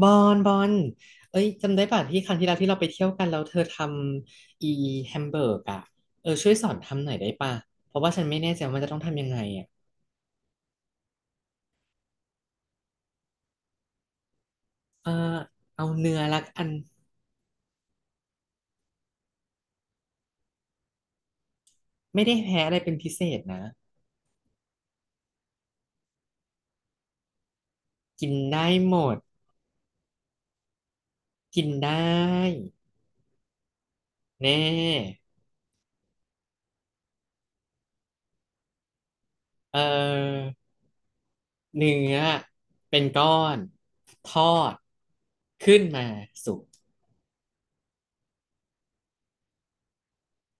บอลบอลเอ้ยจำได้ป่ะที่ครั้งที่แล้วที่เราไปเที่ยวกันแล้วเธอทำอีแฮมเบอร์กอ่ะเออช่วยสอนทำหน่อยได้ป่ะเพราะว่าฉันไม่แน่ใจว่ามันจะต้องทำยังไงอ่ะเออเอาเนื้อละกันไม่ได้แพ้อะไรเป็นพิเศษนะกินได้หมดกินได้แน่เออเนื้อเป็นก้อนทอดขึ้นมาสุก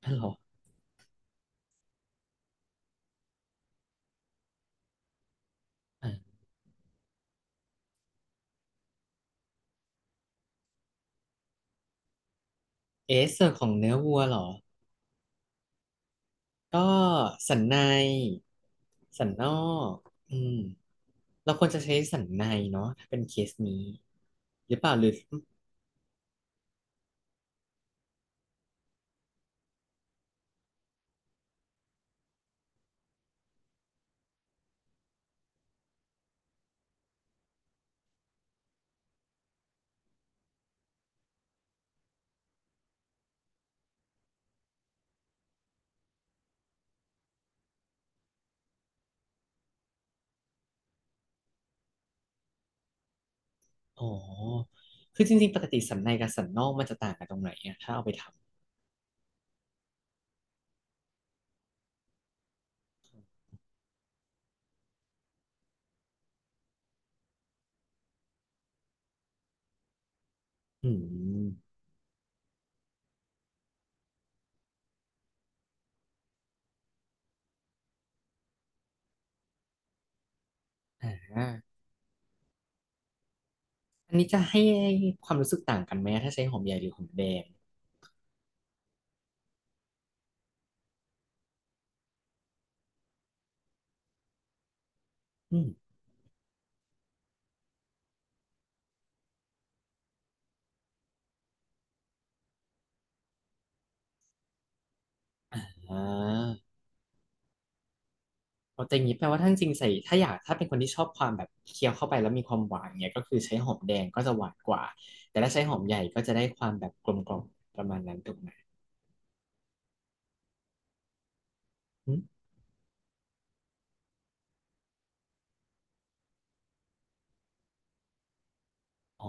อ๋อเหรออ่ะเอะส่วนของเนื้อวัวเหรอ ก็สันในสันนอกอืมเราควรจะใช้สันในเนาะถ้าเป็นเคสนี้หรือเปล่าหรืออ๋อคือจริงๆปกติสันในกับสันนอกมันจะต่างกันตรงไหนอะถ้าเอาไปทำอืมอ่าอันนี้จะให้ความรู้สึกต่างกันไหมถ้าใช้หอมใหญ่หรือหอมแดงอืมอ่า เอาแต่อย่างนี้แปลว่าท่านจริงใส่ถ้าอยากถ้าเป็นคนที่ชอบความแบบเคี้ยวเข้าไปแล้วมีความหวานเนี่ยก็คือใช้หอมแดงก็จะหวานกว่าแต่ถ้าใช้หอมใหญ่ก็จะได้ความแบบกลมกล่อมประมาณนั้นถูกไหมหึอ๋อ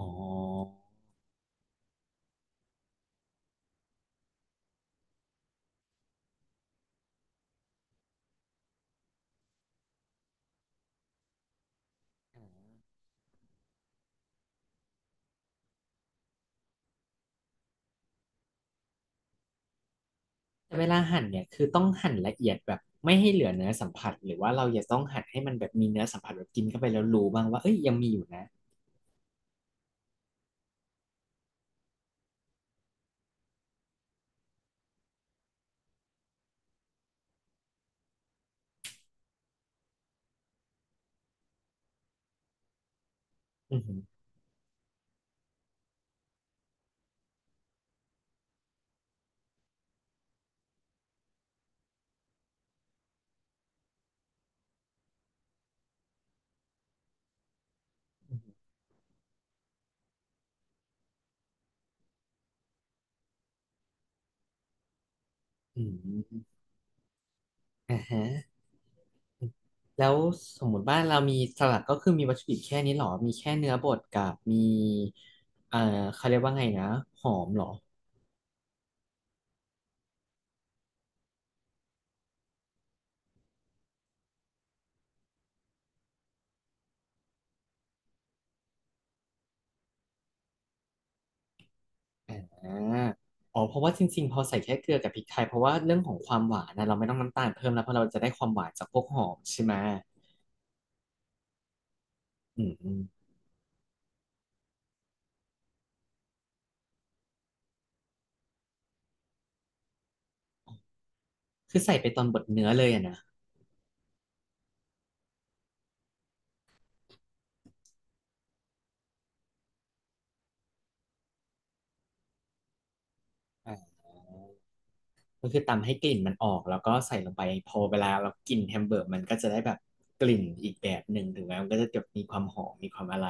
แต่เวลาหั่นเนี่ยคือต้องหั่นละเอียดแบบไม่ให้เหลือเนื้อสัมผัสหรือว่าเราอย่าต้องหั่นให้มันแบบมีเนื้อสัมผัสแบบกินเข้าไปแล้วรู้บ้างว่าเอ้ยยังมีอยู่นะอือหืออือหืออืมอ่าฮะ แล้วสมมุติว่าเรามีสลัดก็คือมีวัตถุดิบแค่นี้หรอ มีแค่เนื้อบดกับมีเอ่อเขาเรียกว่าไงนะ หอมหรออ่าอ๋อเพราะว่าจริงๆพอใส่แค่เกลือกับพริกไทยเพราะว่าเรื่องของความหวานนะเราไม่ต้องน้ำตาลเพิ่มแล้วเพราะเราจะได้ความหวานจากพวกหอมใช่ไหมอืมอืมคือใส่ไปตอนบดเนื้อเลยอะนะอ่าก็คือตำให้กลิ่นมันออกแล้วก็ใส่ลงไปพอเวลาเรากินแฮมเบอร์เกอร์มันก็จะได้แบบกลิ่นอีกแบบหนึ่งถึงแม้มันก็จะแบบมีความหอมมีความอะไร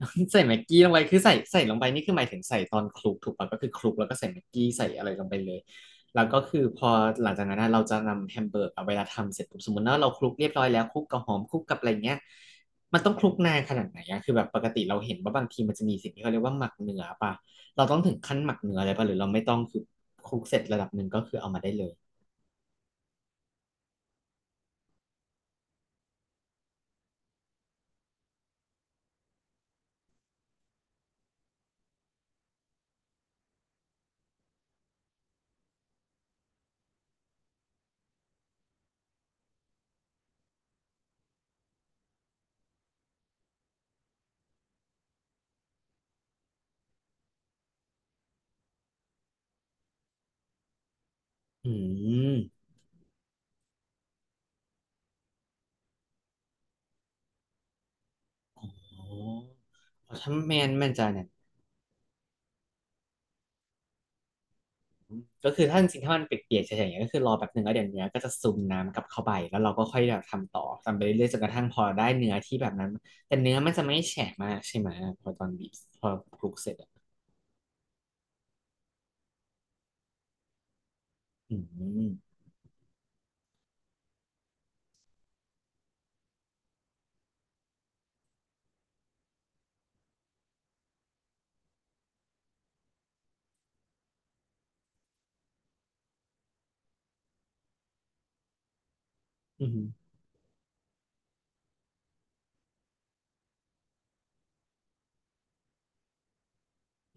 ใส่แม็กกี้ลงไปคือใส่ลงไปนี่คือหมายถึงใส่ตอนคลุกถูกป่ะก็คือคลุกแล้วก็ใส่แม็กกี้ใส่อะไรลงไปเลยแล้วก็คือพอหลังจากนั้นนะเราจะนำแฮมเบอร์กเอาเวลาทำเสร็จปุ๊บสมมติว่าเราคลุกเรียบร้อยแล้วคลุกกับหอมคลุกกับอะไรเงี้ยมันต้องคลุกนานขนาดไหนอะคือแบบปกติเราเห็นว่าบางทีมันจะมีสิ่งที่เขาเรียกว่าหมักเนื้อป่ะเราต้องถึงขั้นหมักเนื้ออะไรป่ะหรือเราไม่ต้องคือคลุกเสร็จระดับหนึ่งก็คือเอามาได้เลยอืมอ๋อถ้าแมนจะเนี่ย ก็คือถ้าจริงๆถ้ามันเปียกๆเฉยๆอย่างเงี้ยก็คือรอแป๊บหนึ่งแล้วเดี๋ยวเนื้อก็จะซึมน้ำกลับเข้าไปแล้วเราก็ค่อยแบบทำต่อทำไปเรื่อยๆจนกระทั่งพอได้เนื้อที่แบบนั้นแต่เนื้อมันจะไม่แฉะมากใช่ไหมพอตอนบีบพอคลุกเสร็จอะอืมอืม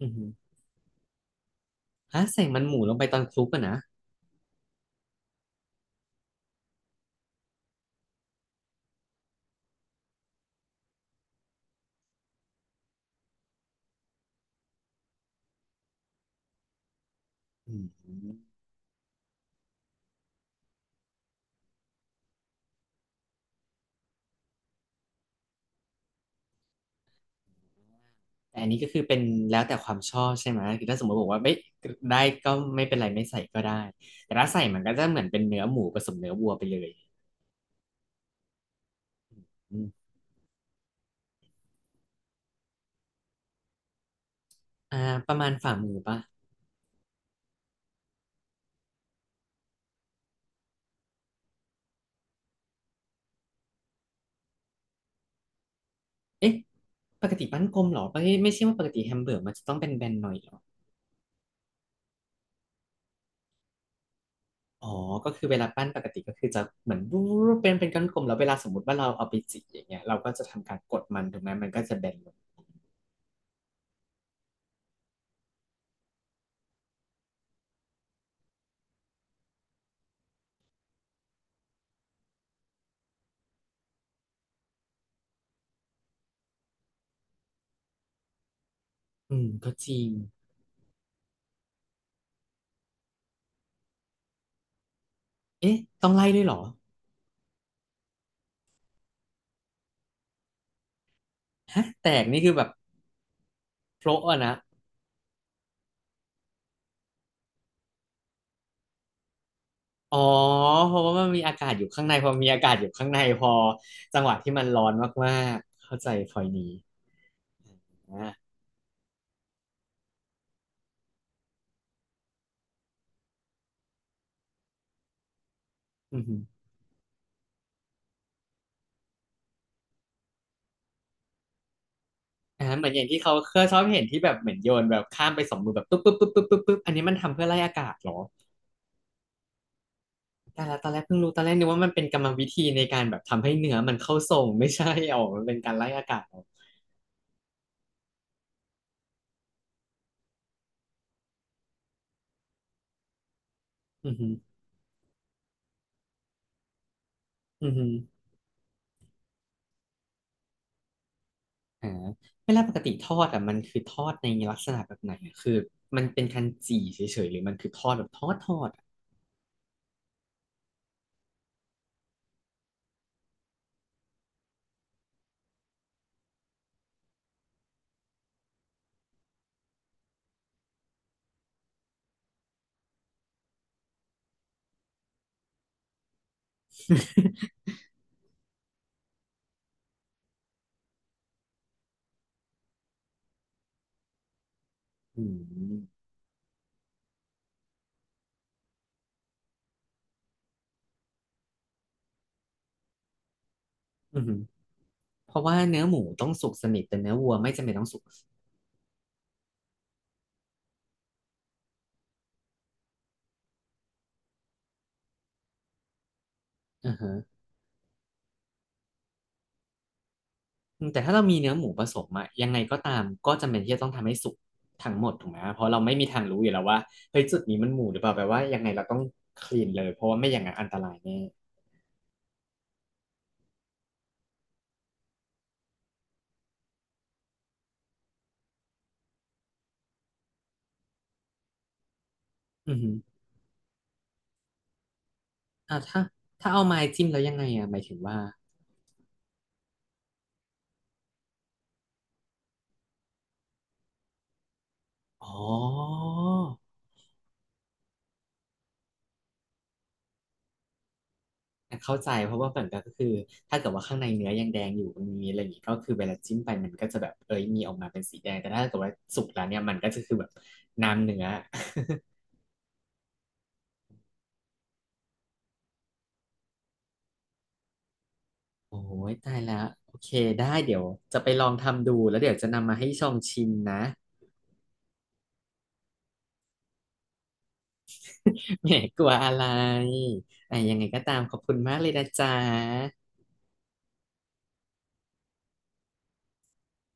อืมฮะใส่มันหมูลงไปตอนคลุกอะนะอืมแต่อันนี้ก็คือเป็นแล้วแต่ความชอบใช่ไหมคือถ้าสมมติบอกว่าไม่ได้ก็ไม่เป็นไรไม่ใส่ก็ได้แต่ถ้าใส่มันก็จะเหมือนเป็นเนื้อหมูผสมเนื้อวัวไปเลยอืมอ่าประมาณฝ่ามือปะ เอ๊ะปกติปั้นกลมเหรอไม่ไม่ใช่ว่าปกติแฮมเบอร์กมันจะต้องเป็นแบนๆหน่อยเหรออ๋อก็คือเวลาปั้นปกติก็คือจะเหมือนรูปเป็นก้อนกลมแล้วเวลาสมมติว่าเราเอาไปจีอย่างเงี้ยเราก็จะทำการกดมันถูกไหมมันก็จะแบนลงอืมก็จริงเอ๊ะต้องไล่ด้วยเหรอฮะแตกนี่คือแบบโพะอะนะอ๋อเพราะว่ามันมีอากาศอยู่ข้างในพอมีอากาศอยู่ข้างในพอจังหวะที่มันร้อนมากๆเข้าใจพอยนี้นะอืม อ่าเหมือนอย่างที่เขาเคยชอบเห็นที่แบบเหมือนโยนแบบข้ามไปสองมือแบบปุ๊บปุ๊บปุ๊บปุ๊บปุ๊บปุ๊บอันนี้มันทำเพื่อไล่อากาศเหรอแต่ละตอนแรกเพิ่งรู้ตอนแรกนึกว่ามันเป็นกรรมวิธีในการแบบทำให้เนื้อมันเข้าทรงไม่ใช่อ๋อมันเป็นการไล่อากาศเหรออือฮึอือฮึอ่าเวลาปกติทอดอ่ะมันคือทอดในลักษณะแบบไหนอะคือมันเป็นการจี่เฉยๆหรือมันคือทอดแบบทอดอะอืมอือฮึเพราะว่าเนื้อหมูต้องสุกสนิทแต่เนื้อวัวไม่จำเป็นต้องสุกอ่าฮะ อืมแต่ถ้าเรามีเนื้อหมูผสมอะยังไงก็ตามก็จำเป็นที่จะต้องทำให้สุกทั้งหมดถูกไหมเพราะเราไม่มีทางรู้อยู่แล้วว่าเฮ้ยจุดนี้มันหมูหรือเปล่าแปลว่ายังไงเราต้องคลีนเลยเพราะว่าไม่อย่างนั้นอันตรายแน่อือฮึอ่าถ้าถ้าเอาไม้จิ้มแล้วยังไงอะหมายถึงว่าอ๋ออ่ะเข้าใจเพราะว่าเหมือนกันก็คือถ้าเกิดว่าข้างในเนื้อยังแดงอยู่มันมีอะไรอย่างงี้ก็คือเวลาจิ้มไปมันก็จะแบบเอ้ยมีออกมาเป็นสีแดงแต่ถ้าเกิดว่าสุกแล้วเนี่ยมันก็จะคือแบบน้ำเนื้อ โอ้ยตายแล้วโอเคได้เดี๋ยวจะไปลองทำดูแล้วเดี๋ยวจะนำมาให้ชองชิมนะ แหมกลัวอะไรอ่ะยังไงก็ตามขอบคุณมากเลยนะจ๊ะ